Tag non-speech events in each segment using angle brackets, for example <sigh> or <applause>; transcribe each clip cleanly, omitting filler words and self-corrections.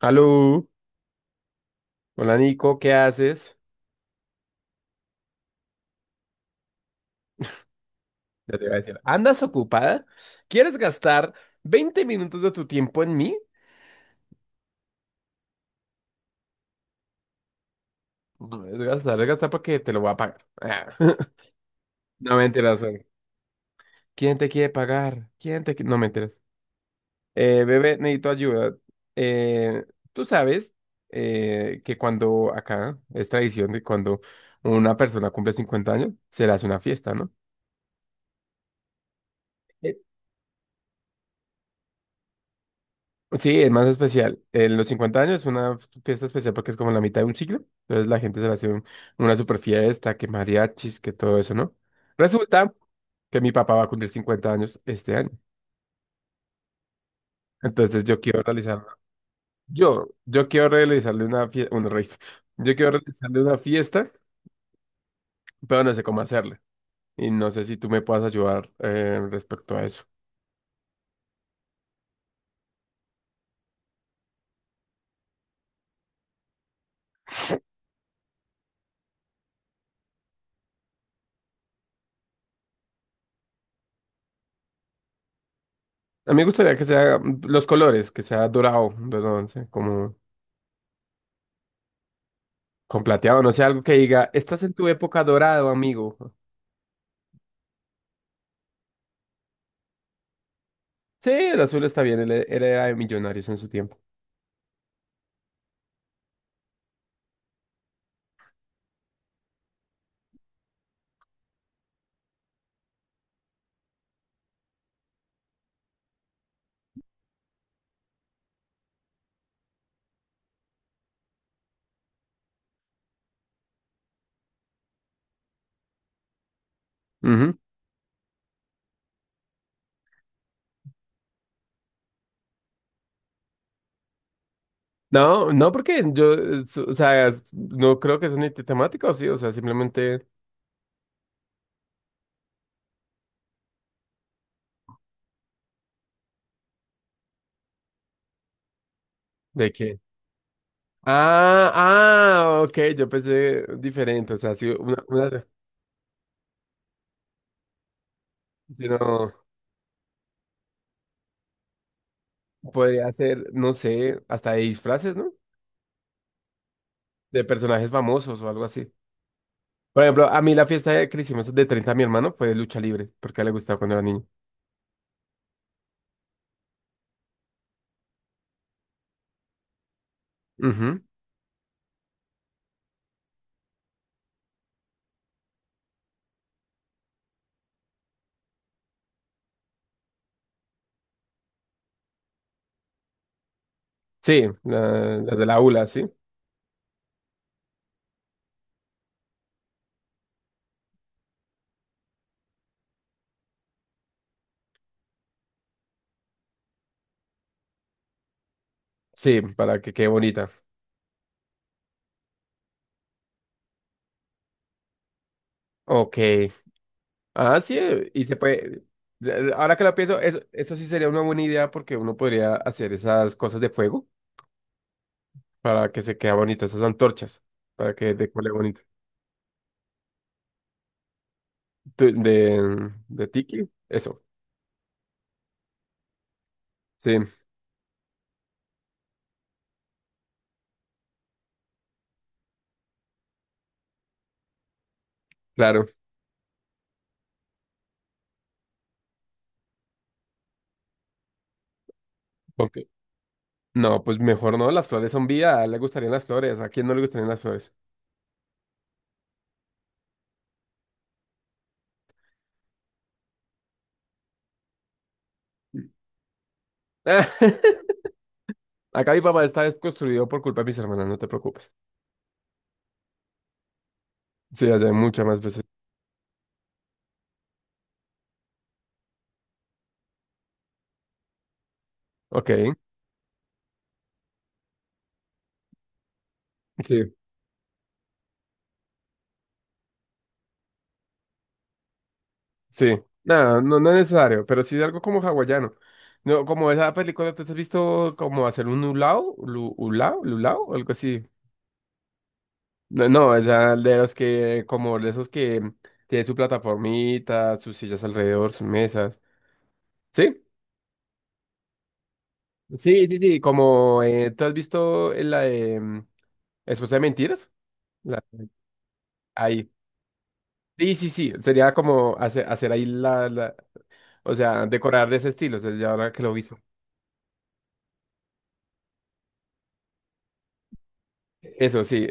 Aló, hola Nico, ¿qué haces? Ya te iba a decir, ¿andas ocupada? ¿Quieres gastar 20 minutos de tu tiempo en mí? No es gastar, es gastar porque te lo voy a pagar. Ah, <laughs> No mentiras. ¿Quién te quiere pagar? ¿Quién te quiere? No mentiras. Bebé, necesito ayuda. Eh, tú sabes que cuando acá es tradición de cuando una persona cumple 50 años, se le hace una fiesta, ¿no? Sí, es más especial. En los 50 años es una fiesta especial porque es como la mitad de un siglo. Entonces la gente se le hace una super fiesta, que mariachis, que todo eso, ¿no? Resulta que mi papá va a cumplir 50 años este año. Entonces yo quiero realizar, yo quiero realizarle una fiesta, un rave. Yo quiero realizarle una fiesta, pero no sé cómo hacerle. Y no sé si tú me puedas ayudar respecto a eso. A mí me gustaría que sea los colores, que sea dorado, dorado, no sé, como... con plateado, no sé, algo que diga, estás en tu época dorado, amigo. Sí, el azul está bien, él era de millonarios en su tiempo. Ujú. No, no, porque yo, o sea, no creo que sea un ítem temático, sí, o sea, simplemente de qué. Ah, ah, ok, yo pensé diferente, o sea, sí, sí, no, podría ser, no sé, hasta de disfraces, ¿no? De personajes famosos o algo así. Por ejemplo, a mí la fiesta de que le hicimos de 30, a mi hermano fue de lucha libre, porque a él le gustaba cuando era niño. Ujú. Sí, la de la ULA, sí. Sí, para que quede bonita. Ok. Ah, sí, y se puede. Ahora que lo pienso, eso sí sería una buena idea porque uno podría hacer esas cosas de fuego para que se quede bonito, esas antorchas, para que decore bonito. De tiki, eso. Sí, claro. Ok. No, pues mejor no, las flores son vida, a él le gustarían las flores, ¿a quién no le gustarían las flores? <laughs> Acá mi papá está desconstruido por culpa de mis hermanas, no te preocupes. Sí, allá hay muchas más veces. Ok. Sí. Sí, nada, no, no es necesario, pero sí de algo como hawaiano. No, como esa película, ¿tú te has visto como hacer un ulao, lulao, o algo así? No, no, esa de los que, como de esos que tiene su plataformita, sus sillas alrededor, sus mesas. ¿Sí? Sí, sí, sí, como, ¿tú has visto en la de Esposa de Mentiras? La- ahí. Sí, sí, sí, sería como hacer, hacer ahí o sea, decorar de ese estilo, o sea, ya ahora que lo hizo. Eso, sí,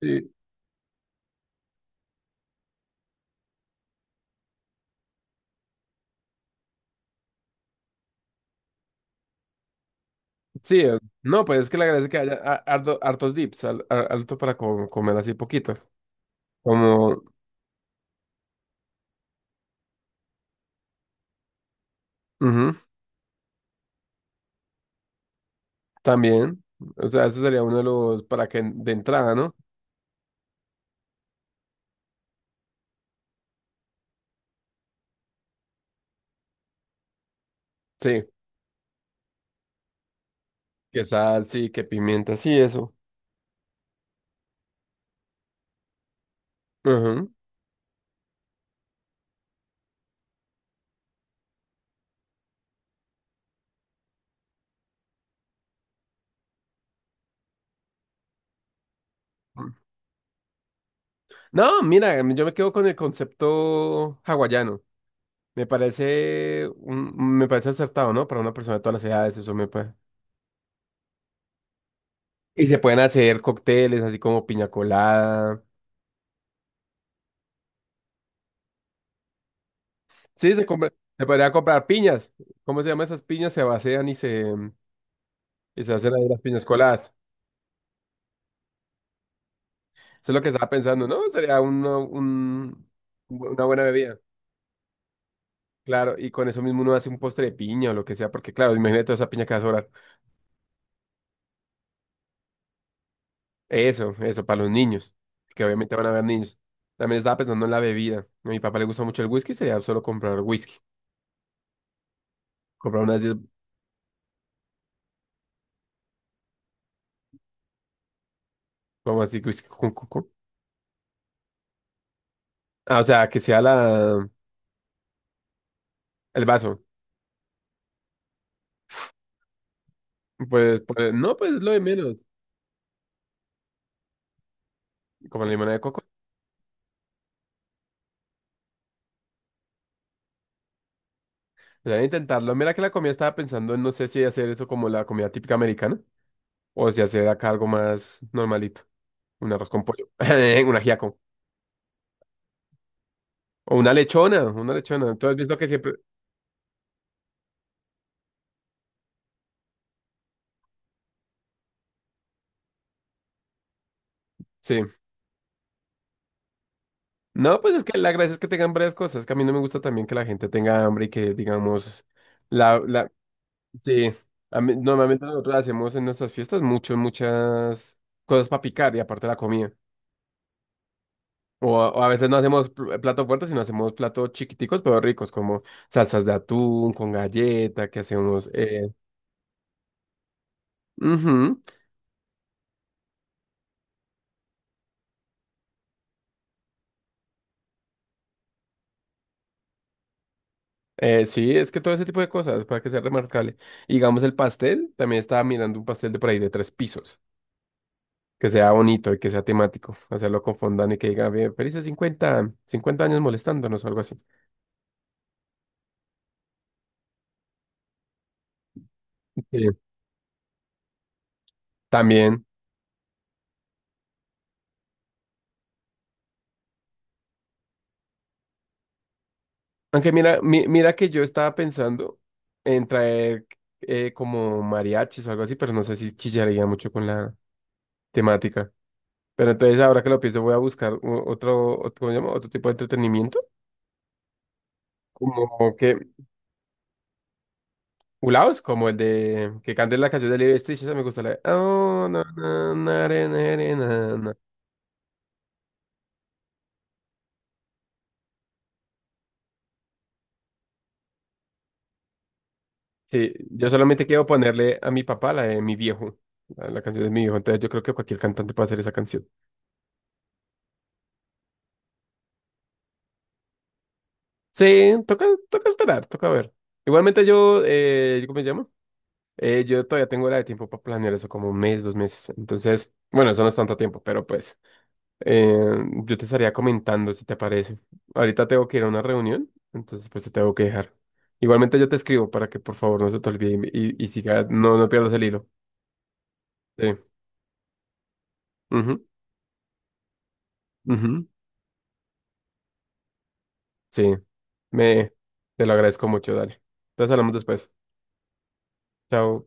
sí. Sí, no, pues es que la gracia es que haya hartos dips, harto para comer así poquito. Como, ujú, también. O sea, eso sería uno de los para que de entrada, ¿no? Sí, que sal, sí, que pimienta, sí, eso. Ujú. No, mira, yo me quedo con el concepto hawaiano. Me parece me parece acertado, ¿no? Para una persona de todas las edades, eso me parece. Y se pueden hacer cócteles así como piña colada. Sí, se compra, se podría comprar piñas. ¿Cómo se llama esas piñas? Se vacían y se hacen ahí las piñas coladas. Eso es lo que estaba pensando, ¿no? Sería una buena bebida. Claro, y con eso mismo uno hace un postre de piña o lo que sea, porque claro, imagínate toda esa piña que va a sobrar. Para los niños, que obviamente van a haber niños. También estaba pensando en la bebida. A mi papá le gusta mucho el whisky, sería solo comprar whisky. Comprar unas 10, como así, whisky. Con coco Ah, o sea, que sea el vaso. Pues, pues, no, pues lo de menos. Como la limonada de coco. Podrían intentarlo. Mira que la comida estaba pensando en no sé si hacer eso como la comida típica americana o si hacer acá algo más normalito. Un arroz con pollo, <laughs> un ajiaco o una lechona, una lechona. Tú has visto que siempre... Sí. No, pues es que la gracia es que tengan varias cosas. Que a mí no me gusta también que la gente tenga hambre y que digamos... La, la... Sí. A mí- normalmente nosotros hacemos en nuestras fiestas muchas, muchas cosas para picar y aparte la comida. O a veces no hacemos plato fuerte, sino hacemos platos chiquiticos pero ricos, como salsas de atún, con galleta, que hacemos... ujú, sí, es que todo ese tipo de cosas, para que sea remarcable. Y digamos el pastel, también estaba mirando un pastel de por ahí de 3 pisos, que sea bonito y que sea temático, hacerlo con fondant y que diga, "Ve, felices 50, 50 años molestándonos o algo así. <laughs> Sí. También, aunque mira, mira que yo estaba pensando en traer como mariachis o algo así, pero no sé si chillaría mucho con la... temática. Pero entonces ahora que lo pienso voy a buscar otro, otro, ¿cómo se llama? Otro tipo de entretenimiento. Como que, ulaos, como el de que canten la canción de Lilo y Stitch, esa me gusta la de, "Oh, na, na, na, re, na, re, na, na". Sí, yo solamente quiero ponerle a mi papá la de mi viejo, la canción de mi viejo. Entonces yo creo que cualquier cantante puede hacer esa canción. Sí, toca, toca esperar, toca ver. Igualmente yo, ¿cómo se llama? Yo todavía tengo la de tiempo para planear eso, como un mes, 2 meses. Entonces, bueno, eso no es tanto tiempo, pero pues. Eh, yo te estaría comentando si te parece. Ahorita tengo que ir a una reunión, entonces pues te tengo que dejar. Igualmente yo te escribo para que por favor no se te olvide y siga, no, no pierdas el hilo. Sí. Ujú, ujú. Sí. Me, te lo agradezco mucho, dale. Entonces hablamos después. Chao.